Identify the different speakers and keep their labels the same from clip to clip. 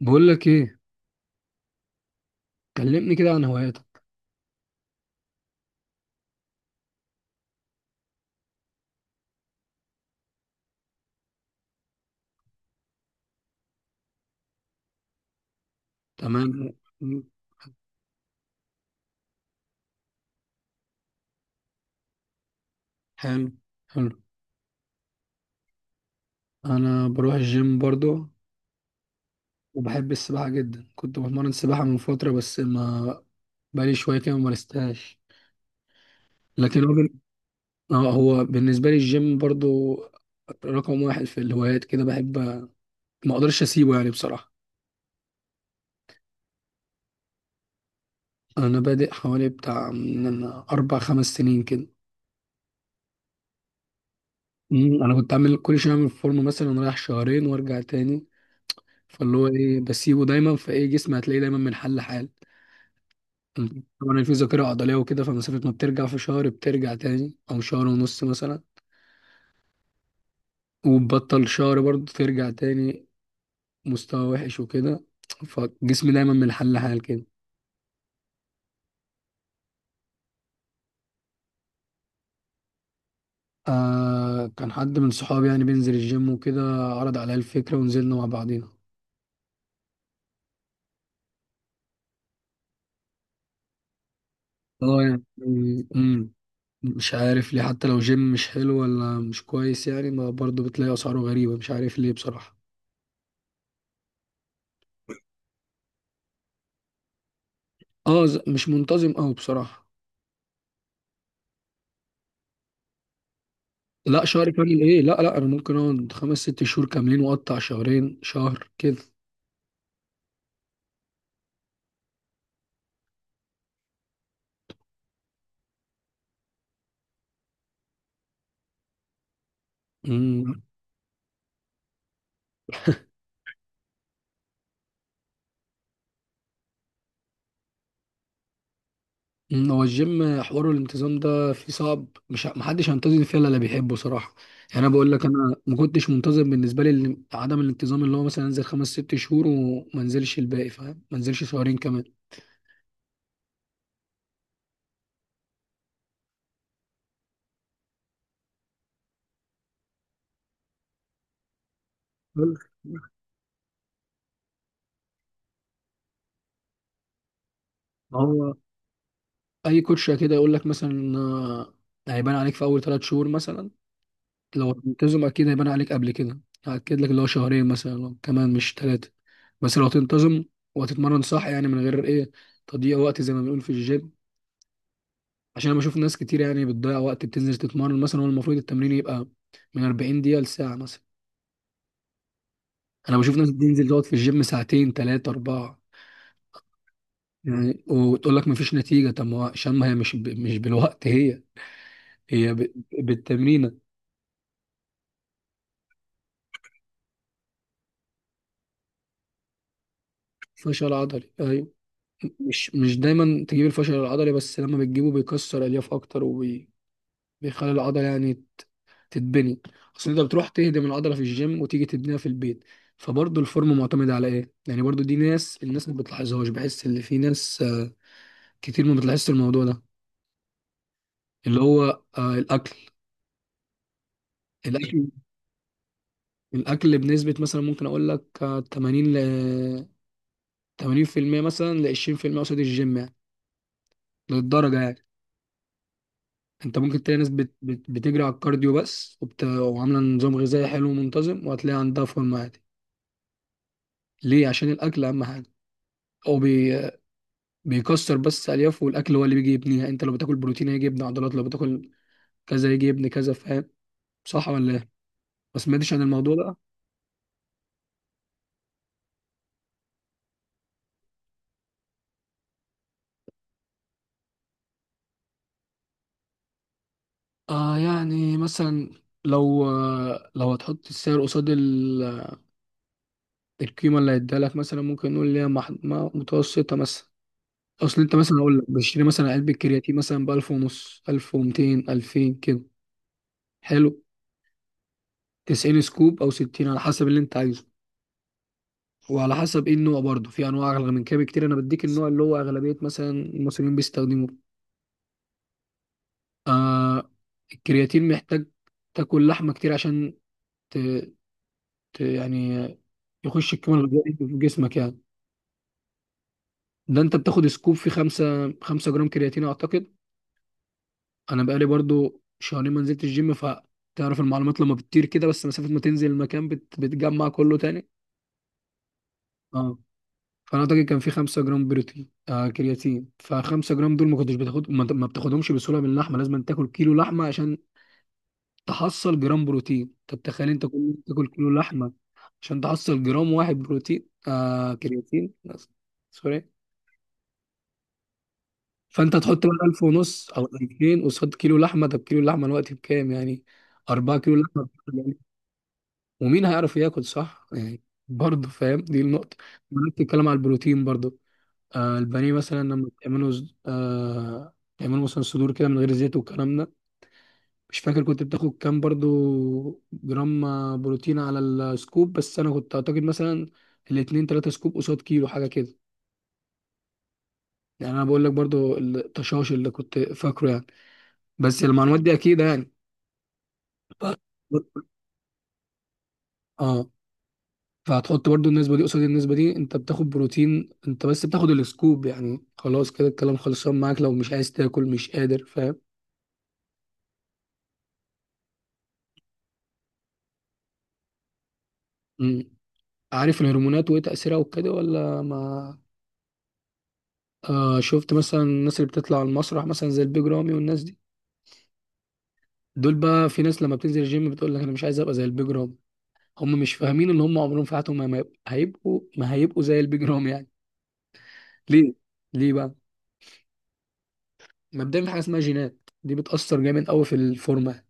Speaker 1: بقول لك ايه؟ كلمني كده عن هواياتك. تمام. م- حلو. حلو. انا بروح الجيم برضو وبحب السباحه جدا. كنت بتمرن سباحه من فتره بس ما بقالي شويه كده ما مارستهاش. لكن هو بن... هو بالنسبه لي الجيم برضو رقم واحد في الهوايات كده. بحب ما اقدرش اسيبه يعني بصراحه. انا بادئ حوالي بتاع من اربع خمس سنين كده. انا كنت عامل كل شويه اعمل فورمه مثلا رايح شهرين وارجع تاني. فاللي هو ايه بسيبه دايما، فايه جسمي هتلاقيه دايما من حل لحال. انت طبعا، أنا في ذاكره عضليه وكده، فمسافه ما بترجع في شهر بترجع تاني او شهر ونص مثلا. وبتبطل شهر برضه ترجع تاني مستوى وحش وكده. فجسمي دايما من حل لحال كده. كان حد من صحابي يعني بينزل الجيم وكده، عرض عليا الفكره ونزلنا مع بعضينا. اه يعني امم مش عارف ليه، حتى لو جيم مش حلو ولا مش كويس يعني، ما برضه بتلاقي اسعاره غريبه. مش عارف ليه بصراحه. اه مش منتظم قوي بصراحه. لا، شهر كامل ايه. لا، لا، انا ممكن اقعد خمس ست شهور كاملين واقطع شهرين شهر كده. امم أمم، هو الجيم حوار الانتظام ده فيه صعب، مش محدش هينتظم فيه الا اللي بيحبه صراحه. يعني انا بقول لك انا ما كنتش منتظم، بالنسبه لي عدم الانتظام اللي هو مثلا انزل خمس ست شهور وما انزلش الباقي، فاهم؟ ما انزلش شهرين كمان. بل- ما هو اي كوتش كده يقول لك مثلا هيبان عليك في اول ثلاث شهور مثلا لو تنتظم. اكيد هيبان عليك قبل كده. هأكد لك اللي هو شهرين مثلا لو كمان، مش ثلاثة. بس لو تنتظم وهتتمرن صح، يعني من غير ايه تضييع وقت زي ما بنقول في الجيم. عشان انا بشوف ناس كتير يعني بتضيع وقت، بتنزل تتمرن مثلا. هو المفروض التمرين يبقى من 40 دقيقة لساعة مثلا. انا بشوف ناس بتنزل تقعد في الجيم ساعتين، ثلاثة، أربعة يعني، وتقول لك مفيش نتيجة. طب ما هو عشان ما هي مش مش بالوقت، هي هي ب... بالتمرينة. فشل عضلي، أيوة. مش دايما تجيب الفشل العضلي، بس لما بتجيبه بيكسر الياف اكتر وبيخلي العضله يعني تتبني. اصل انت بتروح تهدم العضله في الجيم وتيجي تبنيها في البيت. فبرضه الفورم معتمد على ايه يعني. برضه دي الناس ما بتلاحظهاش، بحس ان في ناس كتير ما بتلاحظش الموضوع ده، اللي هو الاكل الاكل بنسبه مثلا ممكن اقول لك 80 ل 80% مثلا ل 20% قصاد الجيم يعني، للدرجه يعني. انت ممكن تلاقي ناس بتجري على الكارديو بس، وعامله نظام غذائي حلو ومنتظم، وهتلاقي عندها فورمه عادي. ليه؟ عشان الاكل اهم حاجه. هو بيكسر بس الياف، والاكل هو اللي بيجي يبنيها يعني. انت لو بتاكل بروتين هيجي يبني عضلات، لو بتاكل كذا يجي يبني كذا، فاهم؟ صح ولا ايه؟ ما سمعتش عن الموضوع ده؟ يعني مثلا، لو هتحط السعر قصاد القيمه اللي هيديها لك، مثلا ممكن نقول ليها مح... ما- متوسطه مثلا. اصل انت مثلا اقول لك بشتري مثلا علبه كرياتين مثلا ب 1000 ونص، 1200، 2000 كده. حلو. 90 سكوب او 60 على حسب اللي انت عايزه، وعلى حسب ايه النوع برضه. في انواع اغلى من كده بكتير، انا بديك النوع اللي هو اغلبيه مثلا المصريين بيستخدموه. آه الكرياتين محتاج تاكل لحمه كتير عشان ت... يعني يخش الكمال الغذائي في جسمك يعني. ده انت بتاخد سكوب في 5، 5 جرام كرياتين اعتقد. انا بقالي برضو شهرين ما نزلت الجيم، فتعرف المعلومات لما بتطير كده، بس مسافه ما تنزل المكان بتجمع كله تاني. اه فانا اعتقد كان في 5 جرام بروتين كرياتين، ف 5 جرام دول ما كنتش بتاخد، ما بتاخدهمش بسهوله من اللحمه. لازم تاكل كيلو لحمه عشان تحصل جرام بروتين. طب تخيل انت كل يوم تاكل كيلو لحمه عشان تحصل جرام واحد بروتين كرياتين بس. سوري. فانت تحط بقى 1000 ونص او 2000 قصاد كيلو لحمه. طب كيلو اللحمه الوقت بكام يعني، 4 كيلو لحمه. ومين هيعرف ياكل صح يعني. برضه فاهم، دي النقطة. وأنا بتتكلم على البروتين برضه. البانيه مثلا لما بتعمله تعمله مثلا صدور كده من غير زيت والكلام ده. مش فاكر كنت بتاخد كام برضه جرام بروتين على السكوب. بس أنا كنت أعتقد مثلا الاتنين تلاتة سكوب قصاد كيلو حاجة كده يعني. أنا بقول لك برضه التشاش اللي كنت فاكره يعني، بس المعلومات دي أكيد يعني. ف- اه فهتحط برضو النسبة دي قصاد النسبة دي. انت بتاخد بروتين، انت بس بتاخد السكوب يعني خلاص، كده الكلام خلصان معاك لو مش عايز تاكل مش قادر، فاهم؟ مم. عارف الهرمونات وايه تأثيرها وكده ولا ما؟ شفت مثلا الناس اللي بتطلع على المسرح مثلا زي البيج رامي والناس دي. دول بقى، في ناس لما بتنزل الجيم بتقول لك انا مش عايز ابقى زي البيج رامي. هم مش فاهمين ان هم عمرهم في حياتهم ما هيبقوا، زي البيج رامي يعني. ليه؟ ليه بقى؟ مبدئيا في حاجة اسمها جينات دي بتأثر جامد قوي في الفورمة.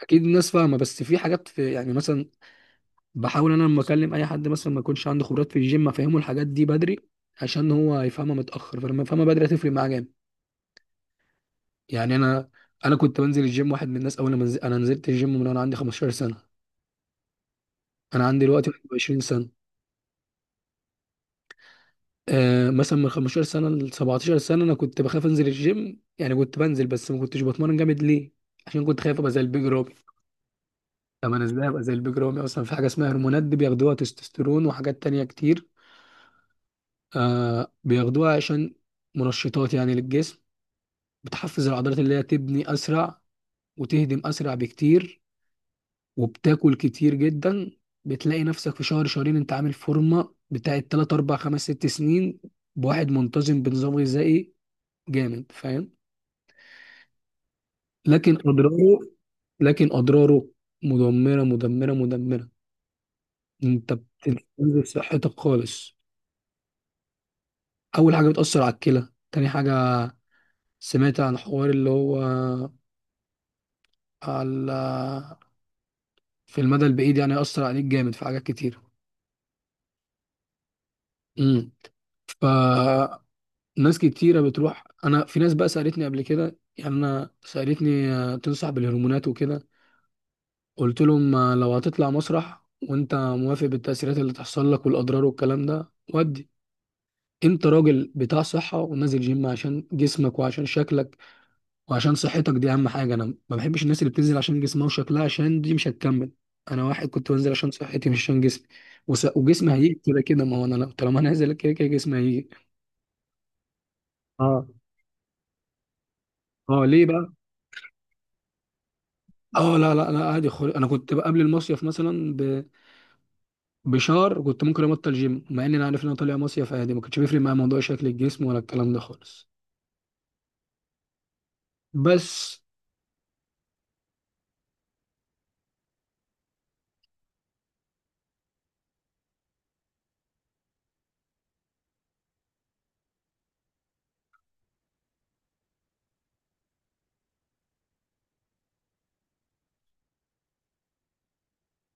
Speaker 1: اكيد الناس فاهمه، بس في حاجات، في يعني مثلا. بحاول انا لما اكلم اي حد مثلا ما يكونش عنده خبرات في الجيم، افهمه الحاجات دي بدري، عشان هو يفهمها متاخر. فلما يفهمها بدري هتفرق معاه جامد. يعني انا كنت بنزل الجيم واحد من الناس، اول ما نزل... انا نزلت الجيم من وانا عندي 15 سنه. انا عندي دلوقتي 20 سنه. مثلا من 15 سنه ل 17 سنه انا كنت بخاف انزل الجيم يعني. كنت بنزل بس ما كنتش بتمرن جامد. ليه؟ عشان كنت خايف ابقى زي البيج رامي. طب انا ازاي ابقى زي البيج رامي اصلا. في حاجه اسمها هرمونات دي بياخدوها، تستوستيرون وحاجات تانية كتير. بياخدوها عشان منشطات يعني للجسم. بتحفز العضلات اللي هي تبني اسرع وتهدم اسرع بكتير، وبتاكل كتير جدا. بتلاقي نفسك في شهر شهرين انت عامل فورمه بتاعت 3، 4، 5، 6 سنين بواحد منتظم بنظام غذائي جامد، فاهم؟ لكن اضراره، لكن اضراره مدمره، مدمره، مدمره. انت بتنزل صحتك خالص. اول حاجه بتاثر على الكلى. تاني حاجه سمعت عن حوار اللي هو على في المدى البعيد يعني، يأثر عليك جامد في حاجات كتير. مم. فناس كتيرة بتروح. أنا في ناس بقى سألتني قبل كده يعني، أنا سألتني تنصح بالهرمونات وكده؟ قلت لهم لو هتطلع مسرح وأنت موافق بالتأثيرات اللي تحصل لك والأضرار والكلام ده، ودي أنت راجل بتاع صحة ونازل جيم عشان جسمك وعشان شكلك، وعشان صحتك. دي أهم حاجة. أنا ما بحبش الناس اللي بتنزل عشان جسمها وشكلها، عشان دي مش هتكمل. أنا واحد كنت بنزل عشان صحتي مش عشان جسمي. وجسمي هيجي كده كده. ما هو أنا طالما أنا نازل كده كده جسمي هيجي. اه. اه، ليه بقى؟ اه، لا، لا انا عادي انا كنت بقى قبل المصيف مثلا بشهر كنت ممكن ابطل جيم مع ان انا عارف ان انا طالع مصيف عادي. ما كانش بيفرق معايا موضوع شكل الجسم ولا الكلام ده خالص. بس.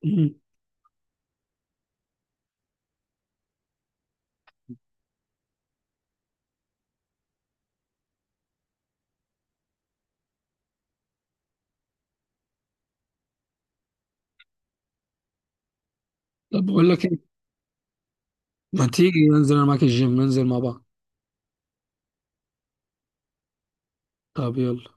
Speaker 1: مم. طب بقول لك ايه، ما تيجي ننزل انا معاك الجيم ننزل مع بعض. طب يلا.